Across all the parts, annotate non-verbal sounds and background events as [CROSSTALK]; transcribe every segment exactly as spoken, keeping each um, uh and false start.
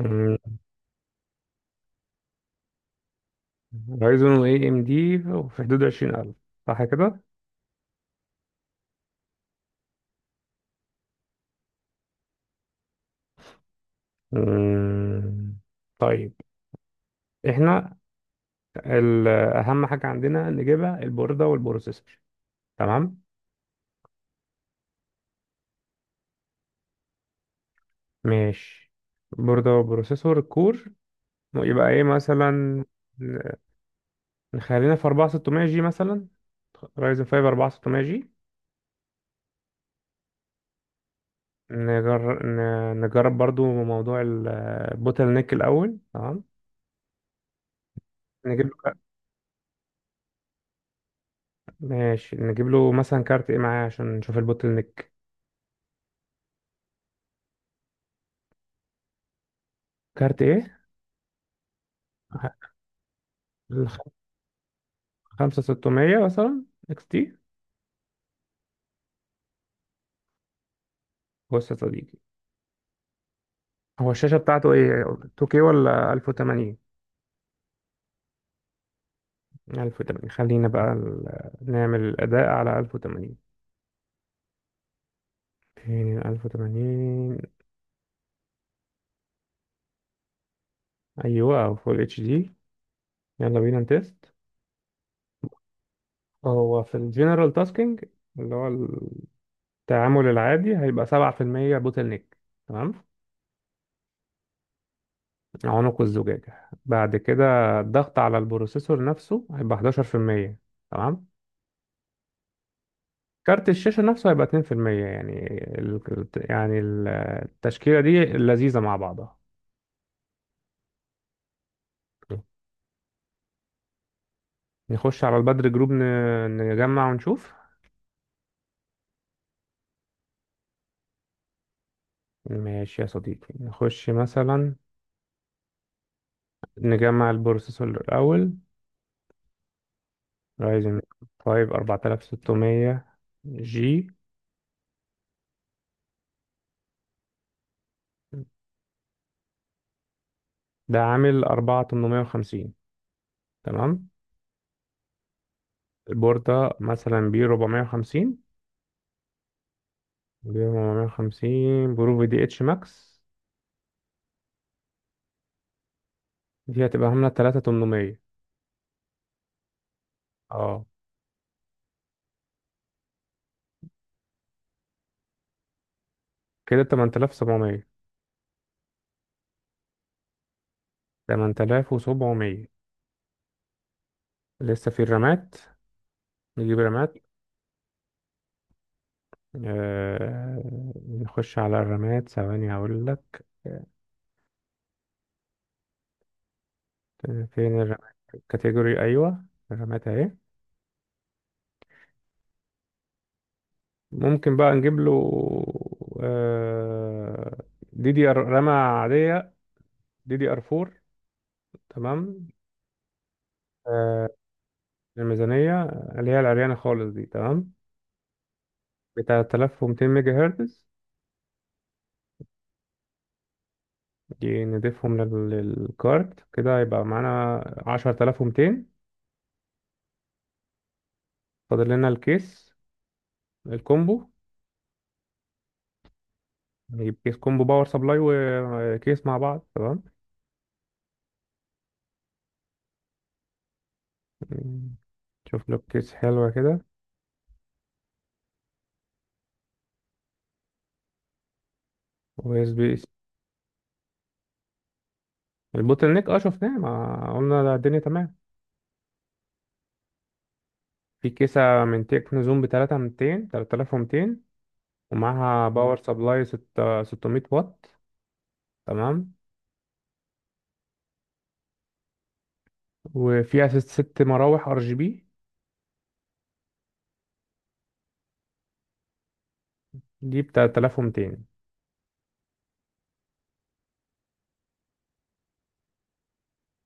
مم، رايزون اي ام دي في حدود عشرين ألف، صح كده؟ مم، طيب. احنا ال- أهم حاجة عندنا نجيبها البوردة والبروسيسور، تمام؟ ماشي. بوردة وبروسيسور الكور. يبقى ايه مثلا؟ نخلينا في اربعة ستمية جي مثلا. رايزن فايف اربعة ستمية جي. نجرب نجرب برضو موضوع البوتل نيك الأول، تمام؟ نجيب له ماشي، نجيب له مثلا كارت ايه معاه عشان نشوف البوتل نيك. كارت ايه؟ الخ- خمسة ستمية مثلا، اكس تي. بص يا صديقي، هو الشاشة بتاعته ايه، تو كيه ولا الف وتمانين؟ الف وتمانين. خلينا بقى ال- نعمل الأداء على الف وتمانين. فين ال الف وتمانين؟ أيوة، أو فول اتش دي. يلا بينا نتست. هو في الجنرال تاسكينج، اللي هو التعامل العادي، هيبقى سبعة في المية بوتل نيك، تمام. عنق الزجاجة بعد كده، الضغط على البروسيسور نفسه، هيبقى حداشر في المية، تمام. كارت الشاشة نفسه هيبقى اتنين في المية. يعني ال... يعني ال- التشكيلة دي لذيذة مع بعضها. نخش على البدر جروب، ن... نجمع ونشوف. ماشي يا صديقي، نخش مثلا، نجمع البروسيسور الأول. رايزن فايف اربعة ستمية جي. ده عامل اربعة تمنمية وخمسين، تمام. البوردة مثلا بي اربعمية وخمسين بي اربعمية وخمسين برو في دي اتش ماكس. دي هتبقى عاملة تلاتة تمنمية. اه، كده تمانية سبعمية تمانية الاف وسبعمية. لسه في الرامات. نجيب رامات. آه... نخش على الرامات ثواني هقول لك. آه، فين الرامات؟ كاتيجوري، ايوه. الرامات اهي. ممكن بقى نجيب له، آه... دي دي ار، رامة عادية، دي دي ار فور، تمام. آه... الميزانية، اللي هي العريانة خالص دي، تمام. بتاع تلاتة الاف ومتين ميجا هرتز. دي نضيفهم لل- للكارت، كده يبقى معانا عشرة آلاف ومتين. فاضل لنا الكيس، الكومبو. نجيب كيس كومبو، باور سبلاي وكيس مع بعض، تمام. شوف له كيس حلوة كده، و اس بي سي. البوتل نيك اه شفناه، ما قلنا ده الدنيا تمام. في كيسة من تكنو زوم بتلاتة ميتين تلاتة آلاف ومتين، ومعاها باور مم. سبلاي ست ستمية واط، تمام. وفيها ست ست مراوح ار جي بي. دي بتلاتة آلاف ومتين.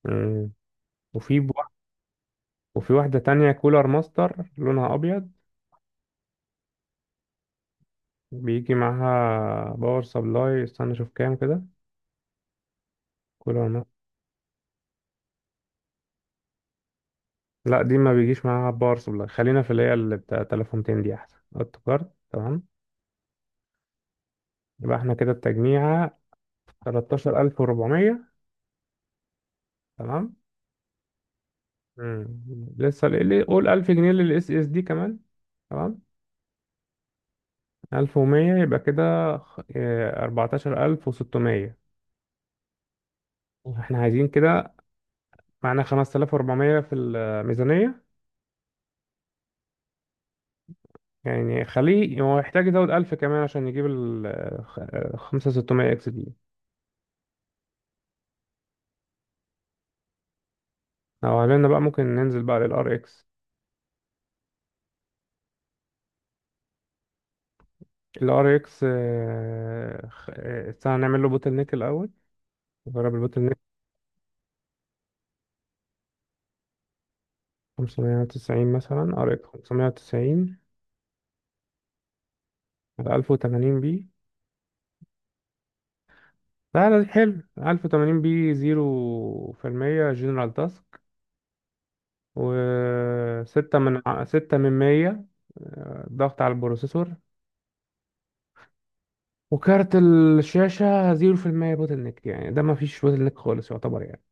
مم. وفي وفي واحدة تانية كولر ماستر، لونها أبيض، بيجي معاها باور سبلاي. استنى أشوف كام كده. كولر ماستر. لا، دي ما بيجيش معاها باور سبلاي. خلينا في اللي هي اللي بتاع تلاتة الاف ومتين، دي أحسن، هوت كارد، تمام. يبقى احنا كده التجميعة تلتاشر الف واربعمية، تمام. مم. لسه اللي قول الف جنيه للإس إس دي كمان، تمام. الف ومية. يبقى كده خ- آه، اربعتاشر الف وستمية. احنا عايزين كده. معانا خمسة الاف واربعمية في الميزانية. يعني خليه، هو يحتاج يزود الف كمان عشان يجيب ال خمسة ستمية اكس دي. لو عملنا بقى ممكن ننزل بقى للار اكس. الار اكس، استنى نعمل له بوتل نيك الاول. نجرب البوتل نيك. خمسمية وتسعين مثلا، ار اكس خمسمية وتسعين، على الف وتمانين بي. لا لا، حلو. الف وتمانين بي، صفر في المية جنرال تاسك. و ستة من ستة من مية ضغط على البروسيسور. وكارت الشاشة صفر في المية بوتل نيك، يعني ده ما فيش بوتل نيك خالص يعتبر يعني.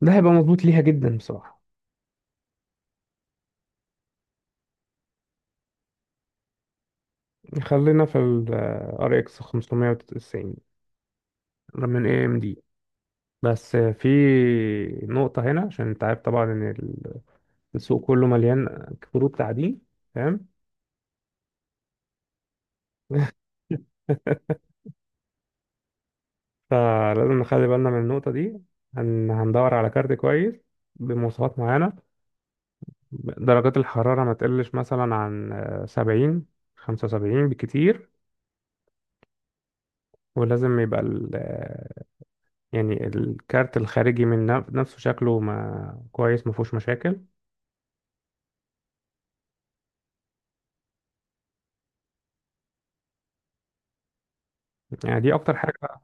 ده هيبقى مظبوط ليها جدا بصراحة. خلينا في ال ار اكس خمسمية وتسعين من ايه ام دي. بس في نقطة هنا، عشان انت عارف طبعا ان السوق كله مليان كروت تعدين، فاهم؟ [LAUGHS] فلازم نخلي بالنا من النقطة دي. هن... هندور على كارت كويس بمواصفات معينة. درجات الحرارة ما تقلش مثلا عن سبعين، خمسة وسبعين بالكتير. ولازم يبقى ال يعني الكارت الخارجي من نف- نفسه شكله ما كويس، ما فيهوش مشاكل. يعني دي اكتر حاجه بقى.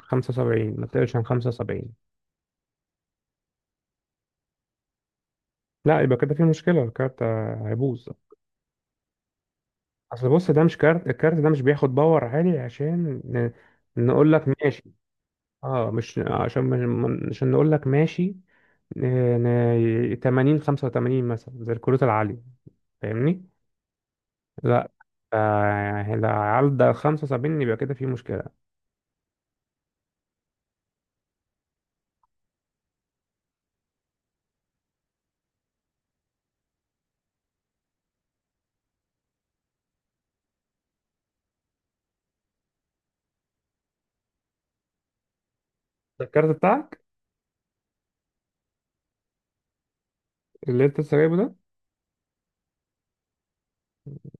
خمسة وسبعين. ما تقلش عن خمسة وسبعين، لا يبقى كده في مشكله. الكارت هيبوظ. اصل بص، ده مش كارت، الكارت ده مش بياخد باور عالي عشان ن- نقول لك ماشي. اه مش عشان مش- عشان نقول لك ماشي ن- ن- تمانين، خمسة وتمانين مثلا، زي الكروت العاليه، فاهمني؟ لا. آه، يعني لو عدى خمسة وسبعين يبقى كده في مشكله. ده الكارت بتاعك، اللي انت لسه جايبه ده؟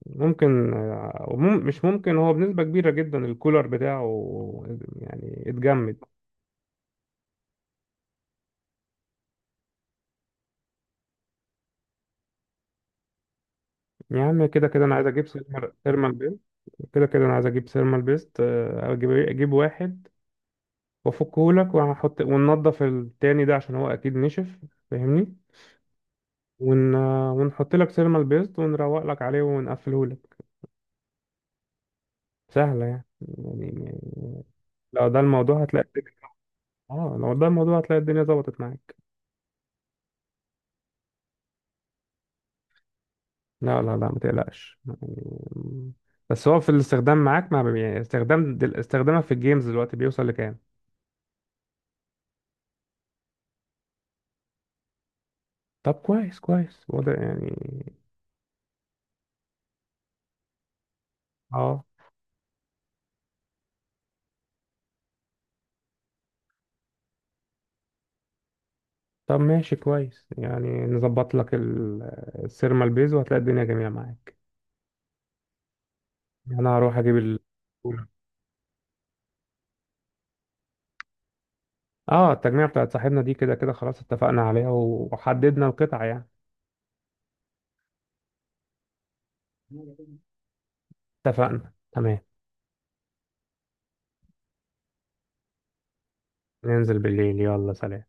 ممكن آه، ومم- مش ممكن. هو بنسبة كبيرة جدا الكولر بتاعه يعني اتجمد. يا عم، كده كده انا عايز اجيب سيرمال سيرمال بيست. كده كده انا عايز اجيب سيرمال بيست. آه، اجيب إيه؟ اجيب واحد وافكه لك، وهحط وننضف التاني ده، عشان هو اكيد نشف، فاهمني؟ ون... آه، ونحط لك سيرمال بيست، ونروق لك عليه، ونقفله لك. سهلة يعني يعني يعني. لو ده الموضوع هتلاقي الدنيا. اه لو ده الموضوع هتلاقي الدنيا ظبطت معاك. لا لا لا، ما تقلقش يعني. بس هو في الاستخدام معاك، مع يعني استخدام دل... استخدامك في الجيمز دلوقتي بيوصل لكام؟ طب كويس، كويس وضع يعني. اه. طب ماشي كويس يعني. نظبط لك ال- السيرمال بيز وهتلاقي الدنيا جميلة معاك. يعني انا هروح اجيب ال... اه التجميع بتاعت صاحبنا دي كده كده خلاص اتفقنا عليها وحددنا القطع يعني. اتفقنا تمام. ننزل بالليل. يلا سلام.